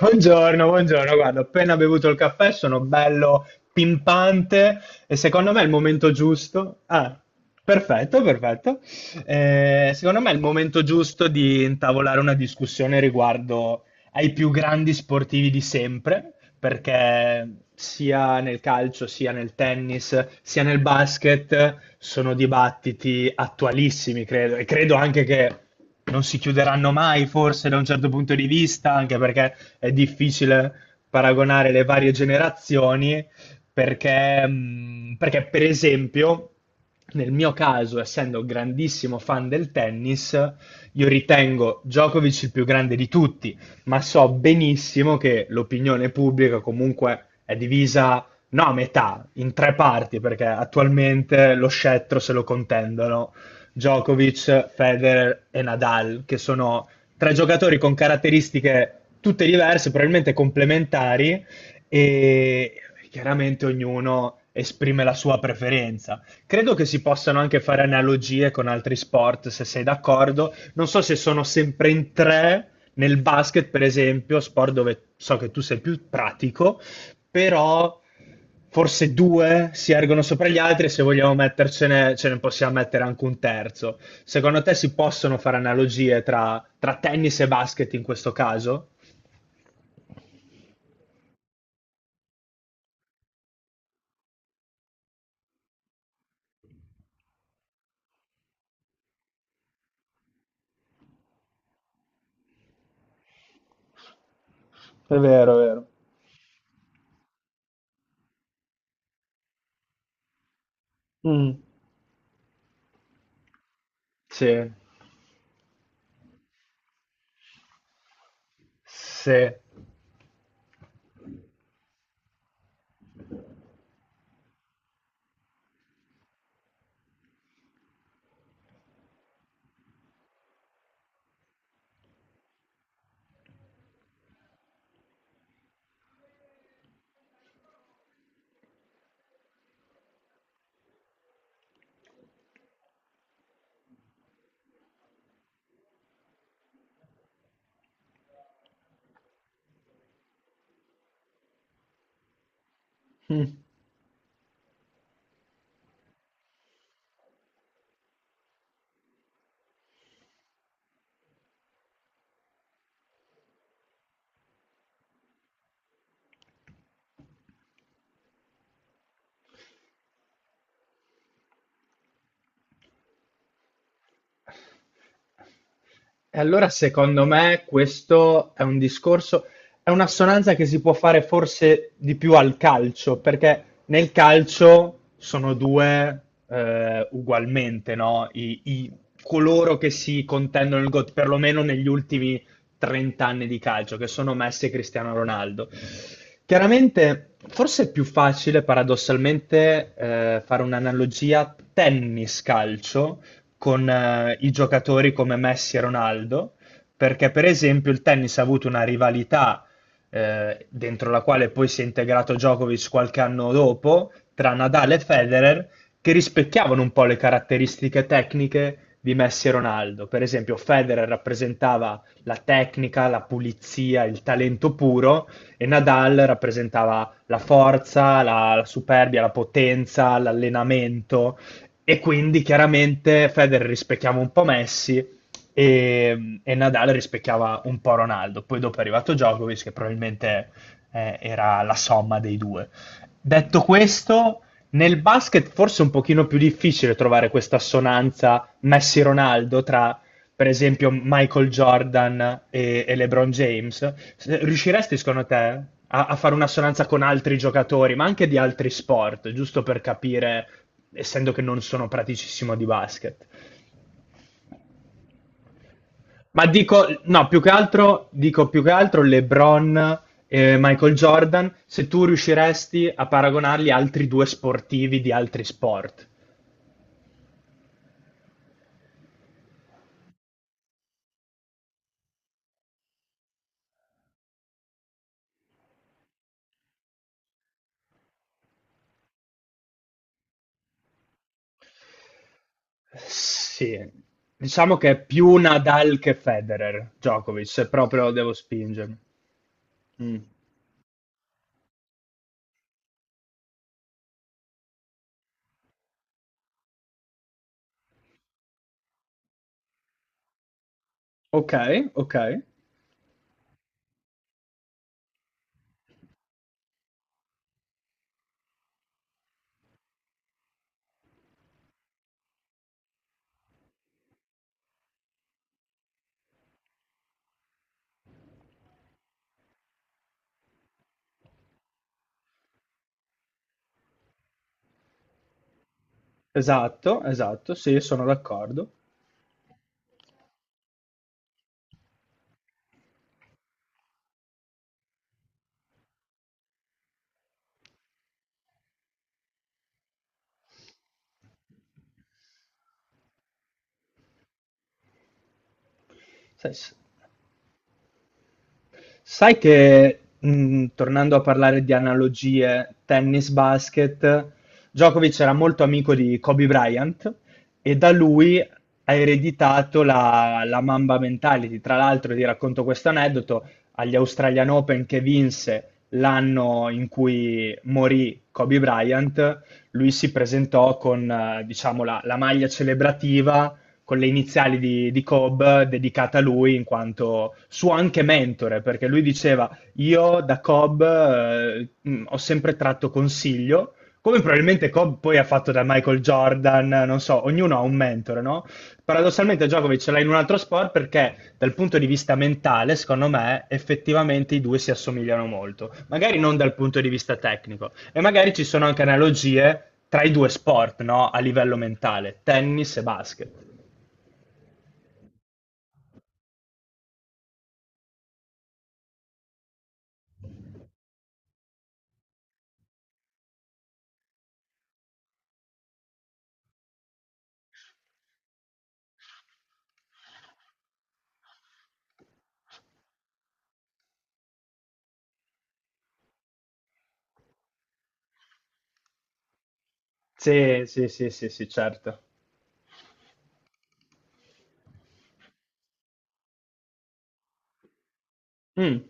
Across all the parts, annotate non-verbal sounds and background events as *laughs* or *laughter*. Buongiorno, buongiorno. Guarda, ho appena bevuto il caffè, sono bello pimpante e secondo me è il momento giusto. Ah, perfetto, perfetto. Secondo me è il momento giusto di intavolare una discussione riguardo ai più grandi sportivi di sempre, perché sia nel calcio, sia nel tennis, sia nel basket sono dibattiti attualissimi, credo, e credo anche che non si chiuderanno mai, forse da un certo punto di vista, anche perché è difficile paragonare le varie generazioni, perché per esempio, nel mio caso, essendo grandissimo fan del tennis, io ritengo Djokovic il più grande di tutti, ma so benissimo che l'opinione pubblica comunque è divisa, no, a metà, in tre parti, perché attualmente lo scettro se lo contendono Djokovic, Federer e Nadal, che sono tre giocatori con caratteristiche tutte diverse, probabilmente complementari, e chiaramente ognuno esprime la sua preferenza. Credo che si possano anche fare analogie con altri sport, se sei d'accordo. Non so se sono sempre in tre nel basket, per esempio, sport dove so che tu sei più pratico, però forse due si ergono sopra gli altri e se vogliamo mettercene, ce ne possiamo mettere anche un terzo. Secondo te si possono fare analogie tra tennis e basket in questo caso? È vero, è vero. Mm. Sì, sì. Mm. E allora secondo me questo è un discorso, è un'assonanza che si può fare forse di più al calcio, perché nel calcio sono due ugualmente, no? Coloro che si contendono il GOAT, perlomeno negli ultimi 30 anni di calcio, che sono Messi e Cristiano Ronaldo. Chiaramente, forse è più facile paradossalmente fare un'analogia tennis-calcio con i giocatori come Messi e Ronaldo, perché per esempio il tennis ha avuto una rivalità dentro la quale poi si è integrato Djokovic qualche anno dopo tra Nadal e Federer, che rispecchiavano un po' le caratteristiche tecniche di Messi e Ronaldo. Per esempio, Federer rappresentava la tecnica, la pulizia, il talento puro, e Nadal rappresentava la forza, la superbia, la potenza, l'allenamento, e quindi chiaramente Federer rispecchiava un po' Messi e Nadal rispecchiava un po' Ronaldo. Poi dopo è arrivato Djokovic, che probabilmente era la somma dei due. Detto questo, nel basket forse è un pochino più difficile trovare questa assonanza Messi-Ronaldo tra per esempio Michael Jordan e LeBron James, riusciresti secondo te a fare un'assonanza con altri giocatori, ma anche di altri sport, giusto per capire, essendo che non sono praticissimo di basket? Ma dico, no, più che altro, dico più che altro LeBron e Michael Jordan, se tu riusciresti a paragonarli a altri due sportivi di altri sport. Sì, diciamo che è più Nadal che Federer, Djokovic, se proprio devo spingermi. Mh. Okay, okay. Esatto, esatto, sì, sono d'accordo. Sai s Sai che, tornando a parlare di analogie tennis-basket, Djokovic era molto amico di Kobe Bryant e da lui ha ereditato la Mamba mentality. Tra l'altro, ti racconto questo aneddoto, agli Australian Open che vinse l'anno in cui morì Kobe Bryant, lui si presentò con, diciamo, la maglia celebrativa con le iniziali di Cobb dedicata a lui in quanto suo anche mentore, perché lui diceva io da Cobb ho sempre tratto consiglio, come probabilmente Cobb poi ha fatto da Michael Jordan, non so, ognuno ha un mentore, no? Paradossalmente Djokovic ce l'ha in un altro sport perché dal punto di vista mentale, secondo me, effettivamente i due si assomigliano molto, magari non dal punto di vista tecnico e magari ci sono anche analogie tra i due sport, no? A livello mentale, tennis e basket. Sì, sì, sì, sì, sì, certo. Mm,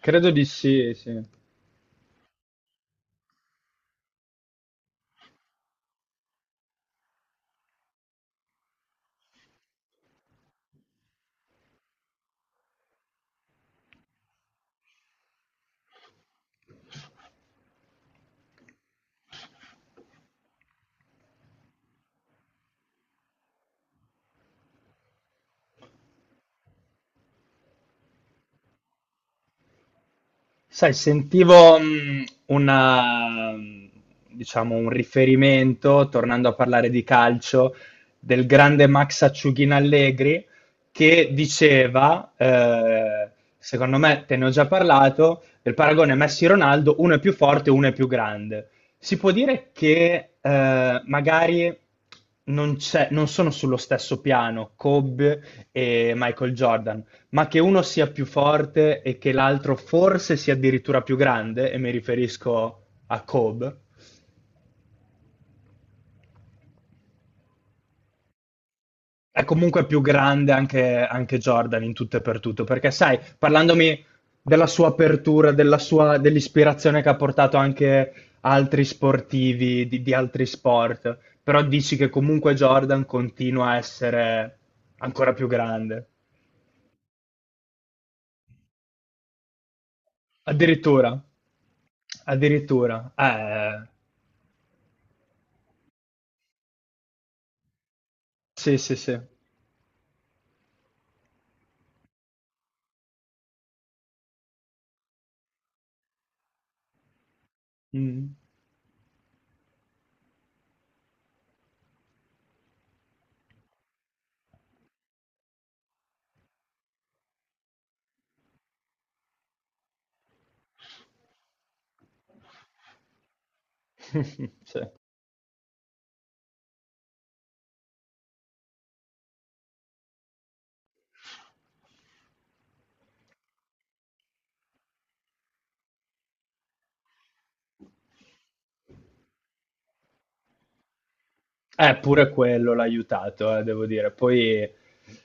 credo di sì, sì. Sai, sentivo, una diciamo un riferimento, tornando a parlare di calcio, del grande Max Acciughina Allegri che diceva, secondo me te ne ho già parlato, del paragone Messi-Ronaldo, uno è più forte, uno è più grande. Si può dire che, magari non sono sullo stesso piano Kobe e Michael Jordan, ma che uno sia più forte e che l'altro forse sia addirittura più grande, e mi riferisco a Kobe, è comunque più grande anche, anche Jordan in tutto e per tutto, perché sai, parlandomi della sua apertura, della sua, dell'ispirazione che ha portato anche altri sportivi di altri sport, però dici che comunque Jordan continua a essere ancora più grande. Addirittura, addirittura, sì, sì, sì. Mm. *laughs* Sì. Pure quello l'ha aiutato, devo dire. Poi,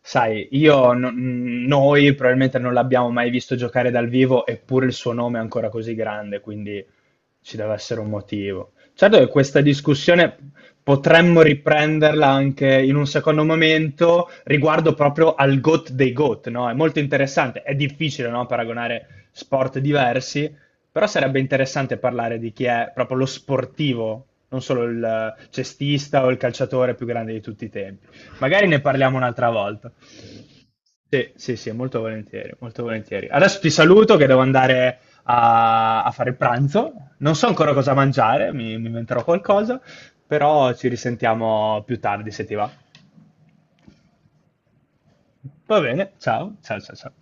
sai, io, no- noi probabilmente non l'abbiamo mai visto giocare dal vivo, eppure il suo nome è ancora così grande, quindi ci deve essere un motivo. Certo che questa discussione potremmo riprenderla anche in un secondo momento riguardo proprio al GOAT dei GOAT, no? È molto interessante, è difficile, no, paragonare sport diversi, però sarebbe interessante parlare di chi è proprio lo sportivo, non solo il cestista o il calciatore più grande di tutti i tempi. Magari ne parliamo un'altra volta. Sì, sì, sì, molto volentieri, molto volentieri. Adesso ti saluto che devo andare a fare il pranzo. Non so ancora cosa mangiare, mi inventerò qualcosa, però ci risentiamo più tardi se ti va. Va bene, ciao, ciao, ciao, ciao.